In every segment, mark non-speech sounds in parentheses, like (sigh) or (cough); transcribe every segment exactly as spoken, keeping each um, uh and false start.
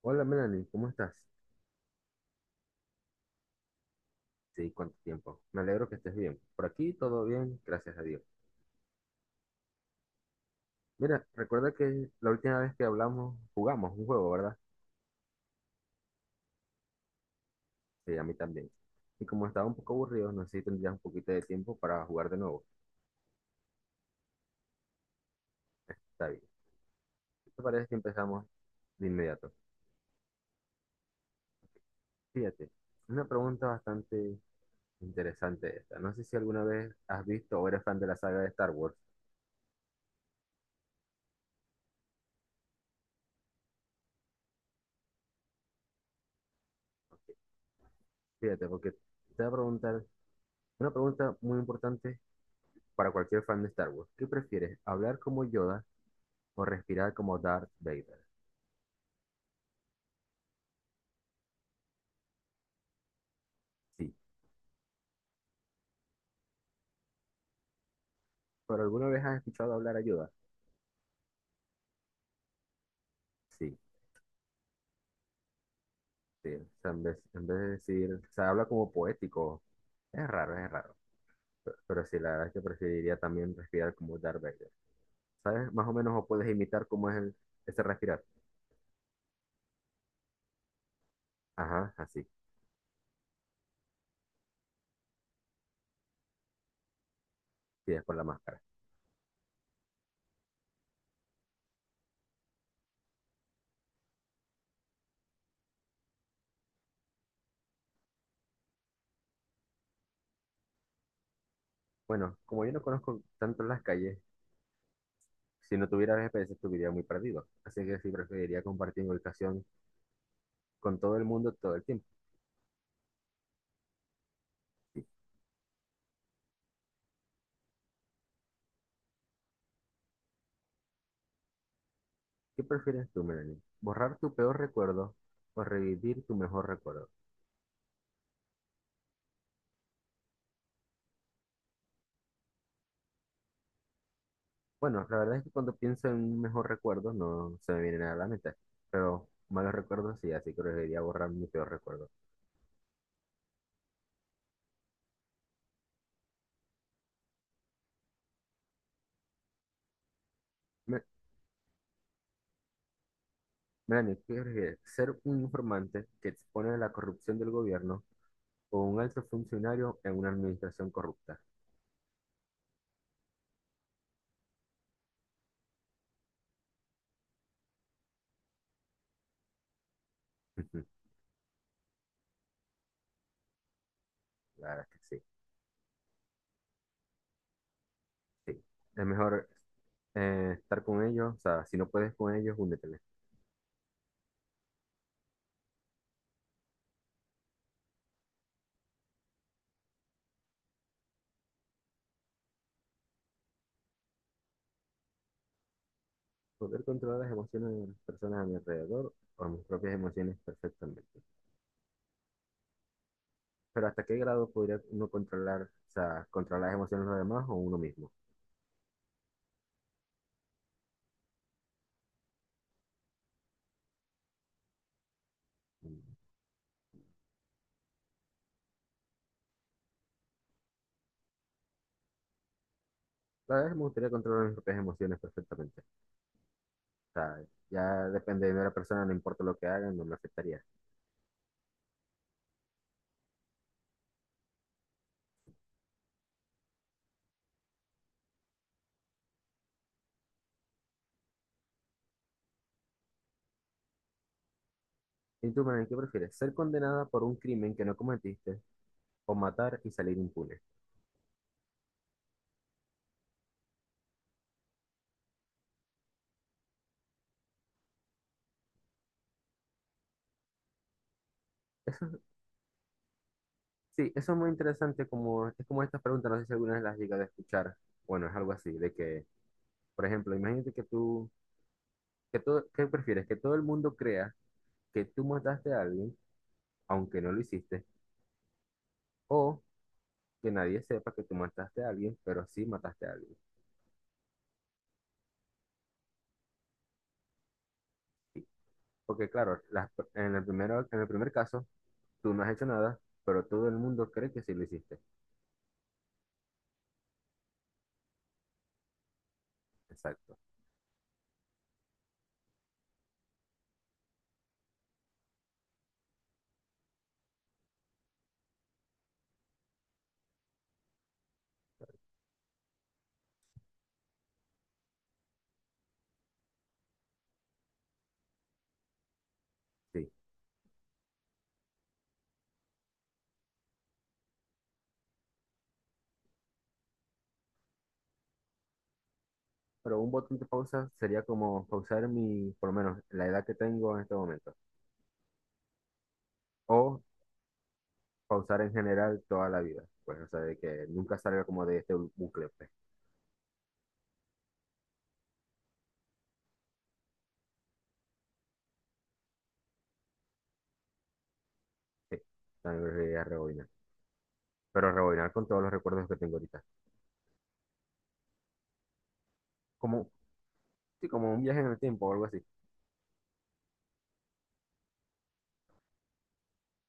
Hola Melanie, ¿cómo estás? Sí, cuánto tiempo. Me alegro que estés bien. Por aquí todo bien, gracias a Dios. Mira, recuerda que la última vez que hablamos jugamos un juego, ¿verdad? Sí, a mí también. Y como estaba un poco aburrido, no sé si tendrías un poquito de tiempo para jugar de nuevo. Está bien. ¿Qué ¿Te parece si empezamos de inmediato? Fíjate, una pregunta bastante interesante esta. No sé si alguna vez has visto o eres fan de la saga de Star Wars. Fíjate, porque te voy a preguntar una pregunta muy importante para cualquier fan de Star Wars. ¿Qué prefieres, hablar como Yoda o respirar como Darth Vader? Sí. ¿Pero alguna vez has escuchado hablar a Yoda? Sí, sí. O sea, en vez, en vez de decir, o sea, habla como poético. Es raro, es raro. Pero, pero sí, la verdad es que preferiría también respirar como Darth Vader. ¿Sabes? Más o menos o puedes imitar cómo es el, ese respirar. Ajá, así. Sí, es por la máscara. Bueno, como yo no conozco tanto las calles, si no tuviera G P S estuviera muy perdido. Así que sí preferiría compartir mi ubicación con todo el mundo todo el tiempo. Sí. ¿Qué prefieres tú, Melanie? ¿Borrar tu peor recuerdo o revivir tu mejor recuerdo? Bueno, la verdad es que cuando pienso en un mejor recuerdo no se me viene nada a la mente, pero malos recuerdos sí, así que preferiría borrar mi peor recuerdo. Me- Melanie, ¿qué prefieres? ¿Ser un informante que expone a la corrupción del gobierno o un alto funcionario en una administración corrupta? (laughs) La verdad es que sí, sí. Es mejor eh, estar con ellos, o sea, si no puedes con ellos, únete. Poder controlar las emociones de las personas a mi alrededor o mis propias emociones perfectamente. Pero ¿hasta qué grado podría uno controlar, o sea, controlar las emociones de los demás o uno mismo? Mm. La verdad es que me gustaría controlar mis propias emociones perfectamente. O sea, ya depende de la persona, no importa lo que hagan, no me afectaría. ¿Y tú, Manuel, qué prefieres? ¿Ser condenada por un crimen que no cometiste o matar y salir impune? Sí, eso es muy interesante, como, es como estas preguntas, no sé si alguna vez las has llegado a escuchar. Bueno, es algo así, de que, por ejemplo, imagínate que tú que todo- ¿qué prefieres? ¿Que todo el mundo crea que tú mataste a alguien, aunque no lo hiciste? ¿O que nadie sepa que tú mataste a alguien, pero sí mataste a alguien? Porque claro, las per- en el primero, en el primer caso, tú no has hecho nada, pero todo el mundo cree que sí lo hiciste. Exacto, sí. Pero un botón de pausa sería como pausar mi, por lo menos, la edad que tengo en este momento. O pausar en general toda la vida. Pues, o sea, de que nunca salga como de este bucle, pues. (laughs) Sí, también preferiría rebobinar. Pero rebobinar con todos los recuerdos que tengo ahorita. Como, sí, como un viaje en el tiempo o algo así.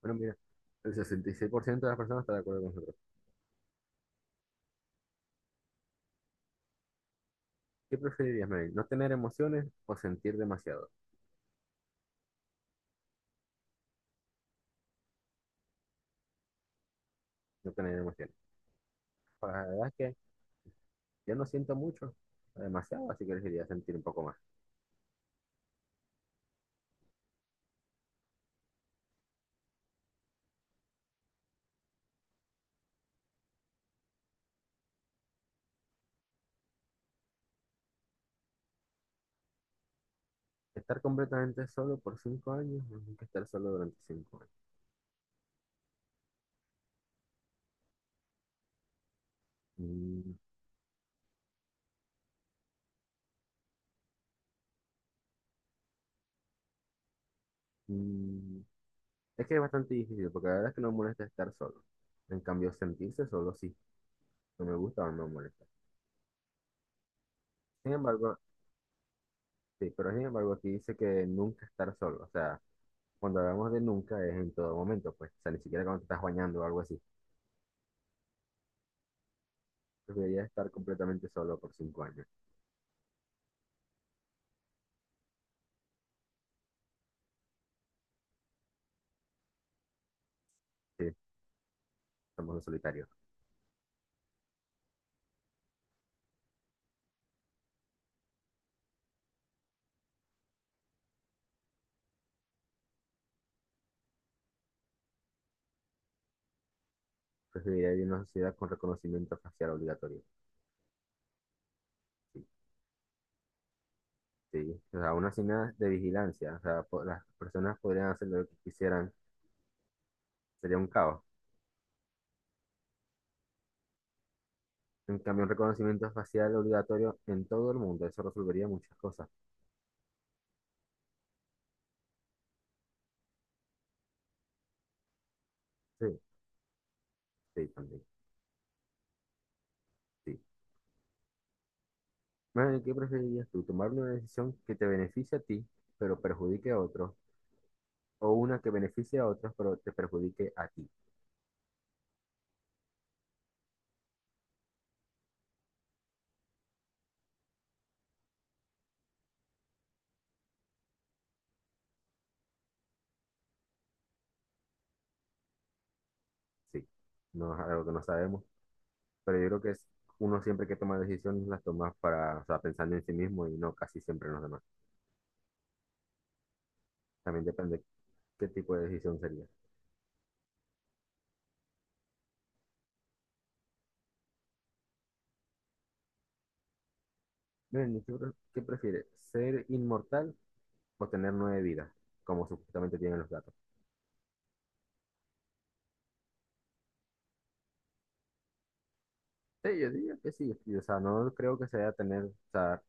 Bueno, mira, el sesenta y seis por ciento de las personas está de acuerdo con nosotros. ¿Qué preferirías, Mary? ¿No tener emociones o sentir demasiado? No tener emociones. Pues la verdad es que yo no siento mucho, demasiado, así que elegiría sentir un poco más. Estar completamente solo por cinco años o nunca estar solo durante cinco años. Mm, mm, Es que es bastante difícil, porque la verdad es que no me molesta estar solo. En cambio, sentirse solo sí, no me gusta o no me molesta. Sin embargo, sí, pero sin embargo aquí dice que nunca estar solo, o sea, cuando hablamos de nunca es en todo momento, pues, o sea, ni siquiera cuando te estás bañando o algo así. Preferiría estar completamente solo por cinco años. Sí, somos los solitarios. Preferiría vivir en una sociedad con reconocimiento facial obligatorio. Sí, sí. O sea, una nada de vigilancia. O sea, po- las personas podrían hacer lo que quisieran. Sería un caos. En cambio, un reconocimiento facial obligatorio en todo el mundo. Eso resolvería muchas cosas. Sí, sí, también. Sí. Bueno, ¿y ¿qué preferirías tú? ¿Tomar una decisión que te beneficie a ti, pero perjudique a otros, o una que beneficie a otros, pero te perjudique a ti? Sí, no es algo que no sabemos, pero yo creo que es uno siempre que toma decisiones las toma para, o sea, pensando en sí mismo y no casi siempre en los demás. También depende qué tipo de decisión sería. Miren, ¿qué, pre- qué prefieres? ¿Ser inmortal o tener nueve vidas, como supuestamente tienen los gatos? Sí, yo diría que sí, y, o sea, no creo que sea tener, o sea,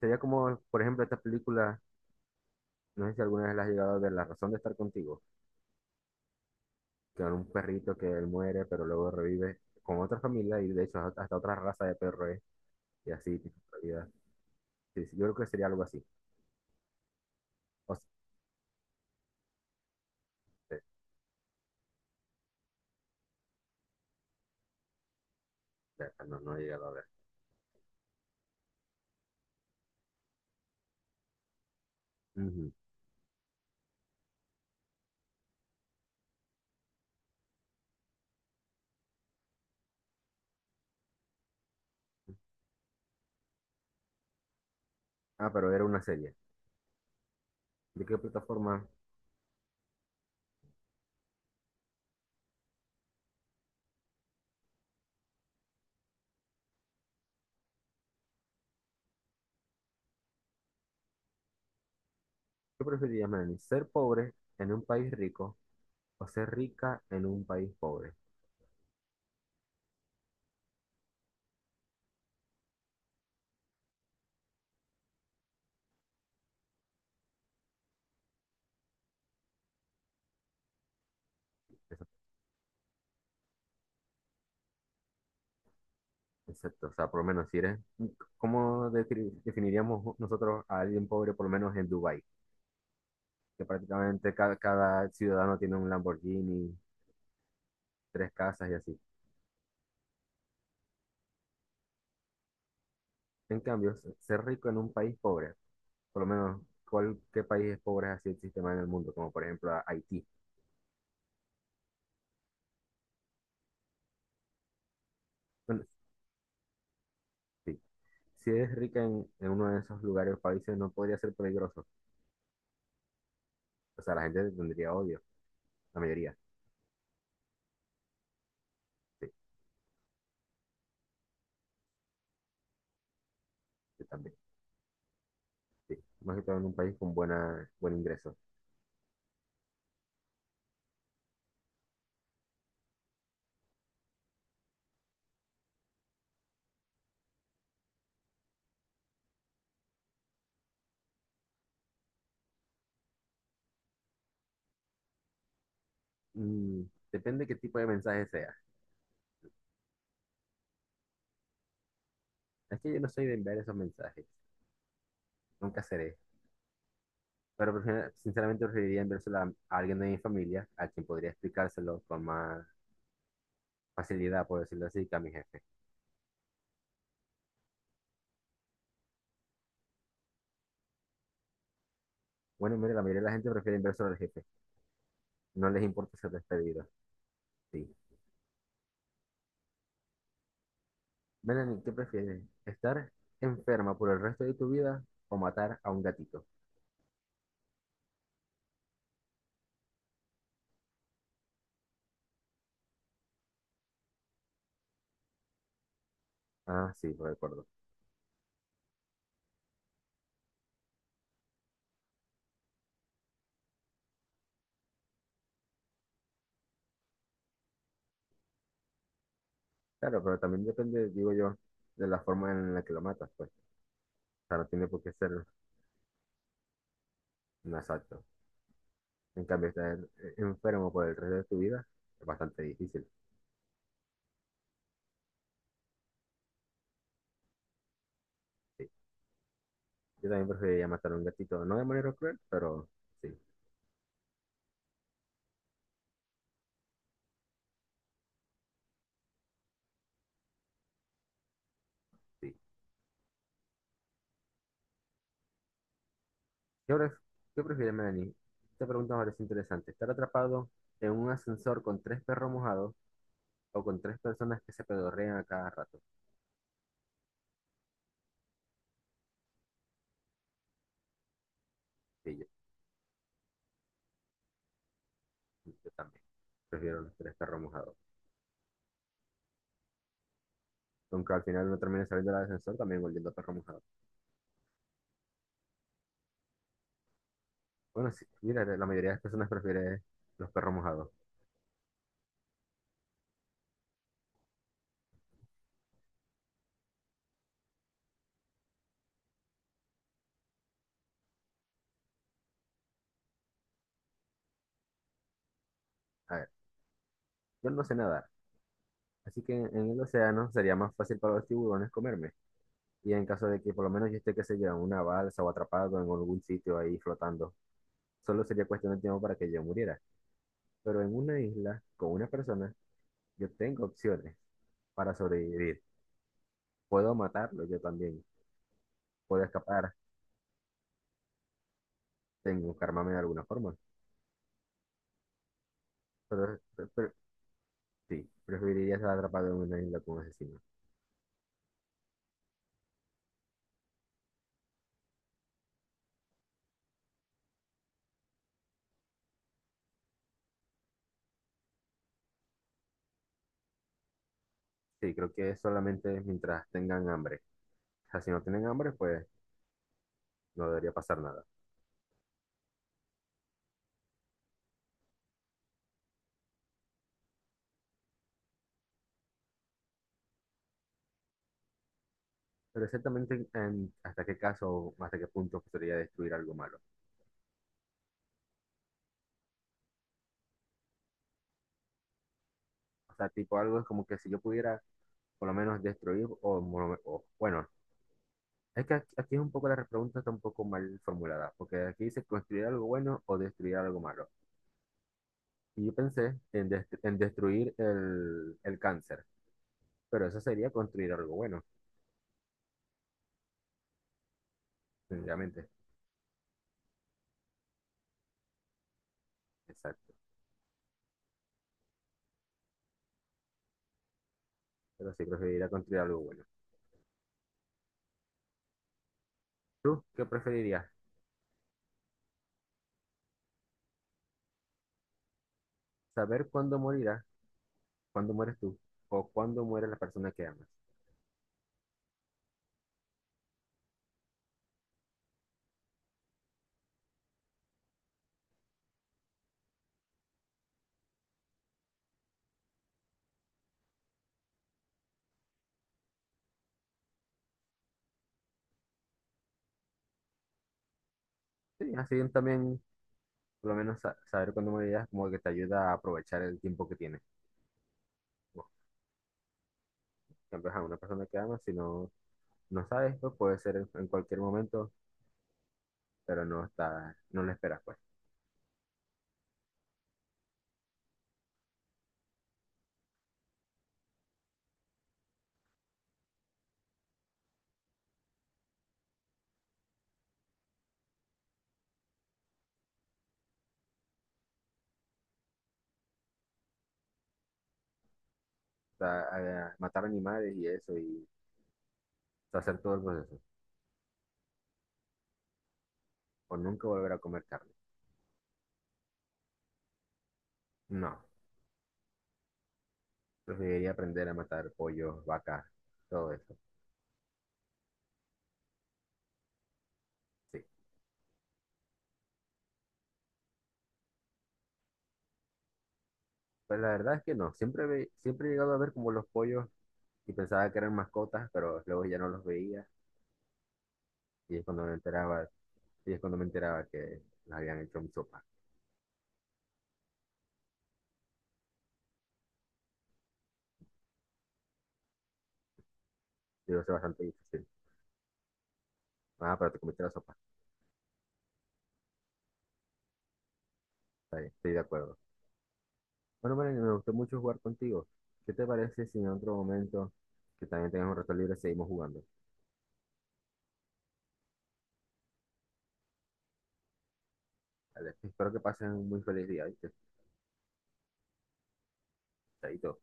sería como, por ejemplo, esta película, no sé si alguna vez la has llegado a ver, La razón de estar contigo. Con un perrito que él muere, pero luego revive con otra familia y de hecho hasta otra raza de perro es, y así, tipo, en realidad. Sí, sí, yo creo que sería algo así. O sea, eh, ya, no, no he llegado a ver. Ujú. Ah, pero era una serie. ¿De qué plataforma? ¿Qué preferirías, Melanie? ¿Ser pobre en un país rico o ser rica en un país pobre? Eso- Exacto, o sea, por lo menos si eres, ¿cómo defini- definiríamos nosotros a alguien pobre, por lo menos en Dubái? Que prácticamente cada, cada ciudadano tiene un Lamborghini, tres casas y así. En cambio, se- ser rico en un país pobre, por lo menos, ¿cuál, qué país es pobre así el sistema en el mundo? Como por ejemplo a- Haití. Bueno, sí. Si eres rica en, en uno de esos lugares o países, no podría ser peligroso. O sea, la gente te tendría odio, la mayoría. Sí, yo también. Sí. Más que todo en un país con buena, buen ingreso. Mm, depende qué tipo de mensaje sea. Es que yo no soy de enviar esos mensajes. Nunca seré. Pero prefiero- sinceramente preferiría enviárselo a, a alguien de mi familia, a quien podría explicárselo con más facilidad, por decirlo así, que a mi jefe. Bueno, mire, la mayoría de la gente prefiere inverso al jefe. No les importa ser despedido. Sí. Melanie, ¿qué prefieres? ¿Estar enferma por el resto de tu vida o matar a un gatito? Ah, sí, lo recuerdo. Claro, pero también depende, digo yo, de la forma en la que lo matas, pues. O sea, no tiene por qué ser un asalto. En cambio, estar eh, enfermo por el resto de tu vida es bastante difícil. Sí. Yo también preferiría matar a un gatito, no de manera cruel, pero sí, sí. ¿Qué, pref- qué prefiere Melanie? Esta pregunta me parece interesante. ¿Estar atrapado en un ascensor con tres perros mojados o con tres personas que se pedorrean a cada rato? Sí, yo, yo también. Prefiero los tres perros mojados. Aunque al final no termine saliendo del ascensor, también volviendo a perro mojado. Bueno, sí, mira, la mayoría de las personas prefiere los perros mojados. A ver, yo no sé nadar, así que en, en el océano sería más fácil para los tiburones comerme. Y en caso de que por lo menos yo esté, qué sé yo, en una balsa o atrapado en algún sitio ahí flotando, solo sería cuestión de tiempo para que yo muriera. Pero en una isla con una persona, yo tengo opciones para sobrevivir. Puedo matarlo yo también. Puedo escapar. Tengo que armarme de alguna forma. Pero, pero- pero- sí, preferiría estar atrapado en una isla con un asesino. Sí, creo que es solamente mientras tengan hambre. O sea, si no tienen hambre, pues no debería pasar nada. Pero exactamente en- hasta qué caso, hasta qué punto podría destruir algo malo. O sea, tipo algo es como que si yo pudiera por lo menos destruir o, mo- o, bueno. Es que aquí aquí es un poco la pregunta está un poco mal formulada, porque aquí dice construir algo bueno o destruir algo malo. Y yo pensé en, dest- en destruir el, el cáncer, pero eso sería construir algo bueno, sencillamente. Exacto. Pero sí preferiría construir algo bueno. ¿Tú qué preferirías? ¿Saber cuándo morirás, cuándo mueres tú, o cuándo muere la persona que amas? Sí, así también, por lo menos sa- saber cuándo morirás como que te ayuda a aprovechar el tiempo que tienes. Bueno, siempre a una persona que amas, si no, no sabes, pues puede ser en en cualquier momento pero no está, no lo esperas, pues. O sea, eh, matar animales y eso, y hacer todo el proceso. O nunca volver a comer carne. No, preferiría aprender a matar pollos, vacas, todo eso. Sí. Pues la verdad es que no. Siempre, ve- siempre he llegado a ver como los pollos y pensaba que eran mascotas, pero luego ya no los veía. Y es cuando me enteraba, y es cuando me enteraba que las habían hecho en sopa. Digo, eso es bastante difícil. Ah, pero te comiste la sopa. Está bien, estoy de acuerdo. Bueno, María, me gustó mucho jugar contigo. ¿Qué te parece si en otro momento que también tengas un rato libre seguimos jugando? Vale, espero que pasen un muy feliz día, ¿viste? Chaito.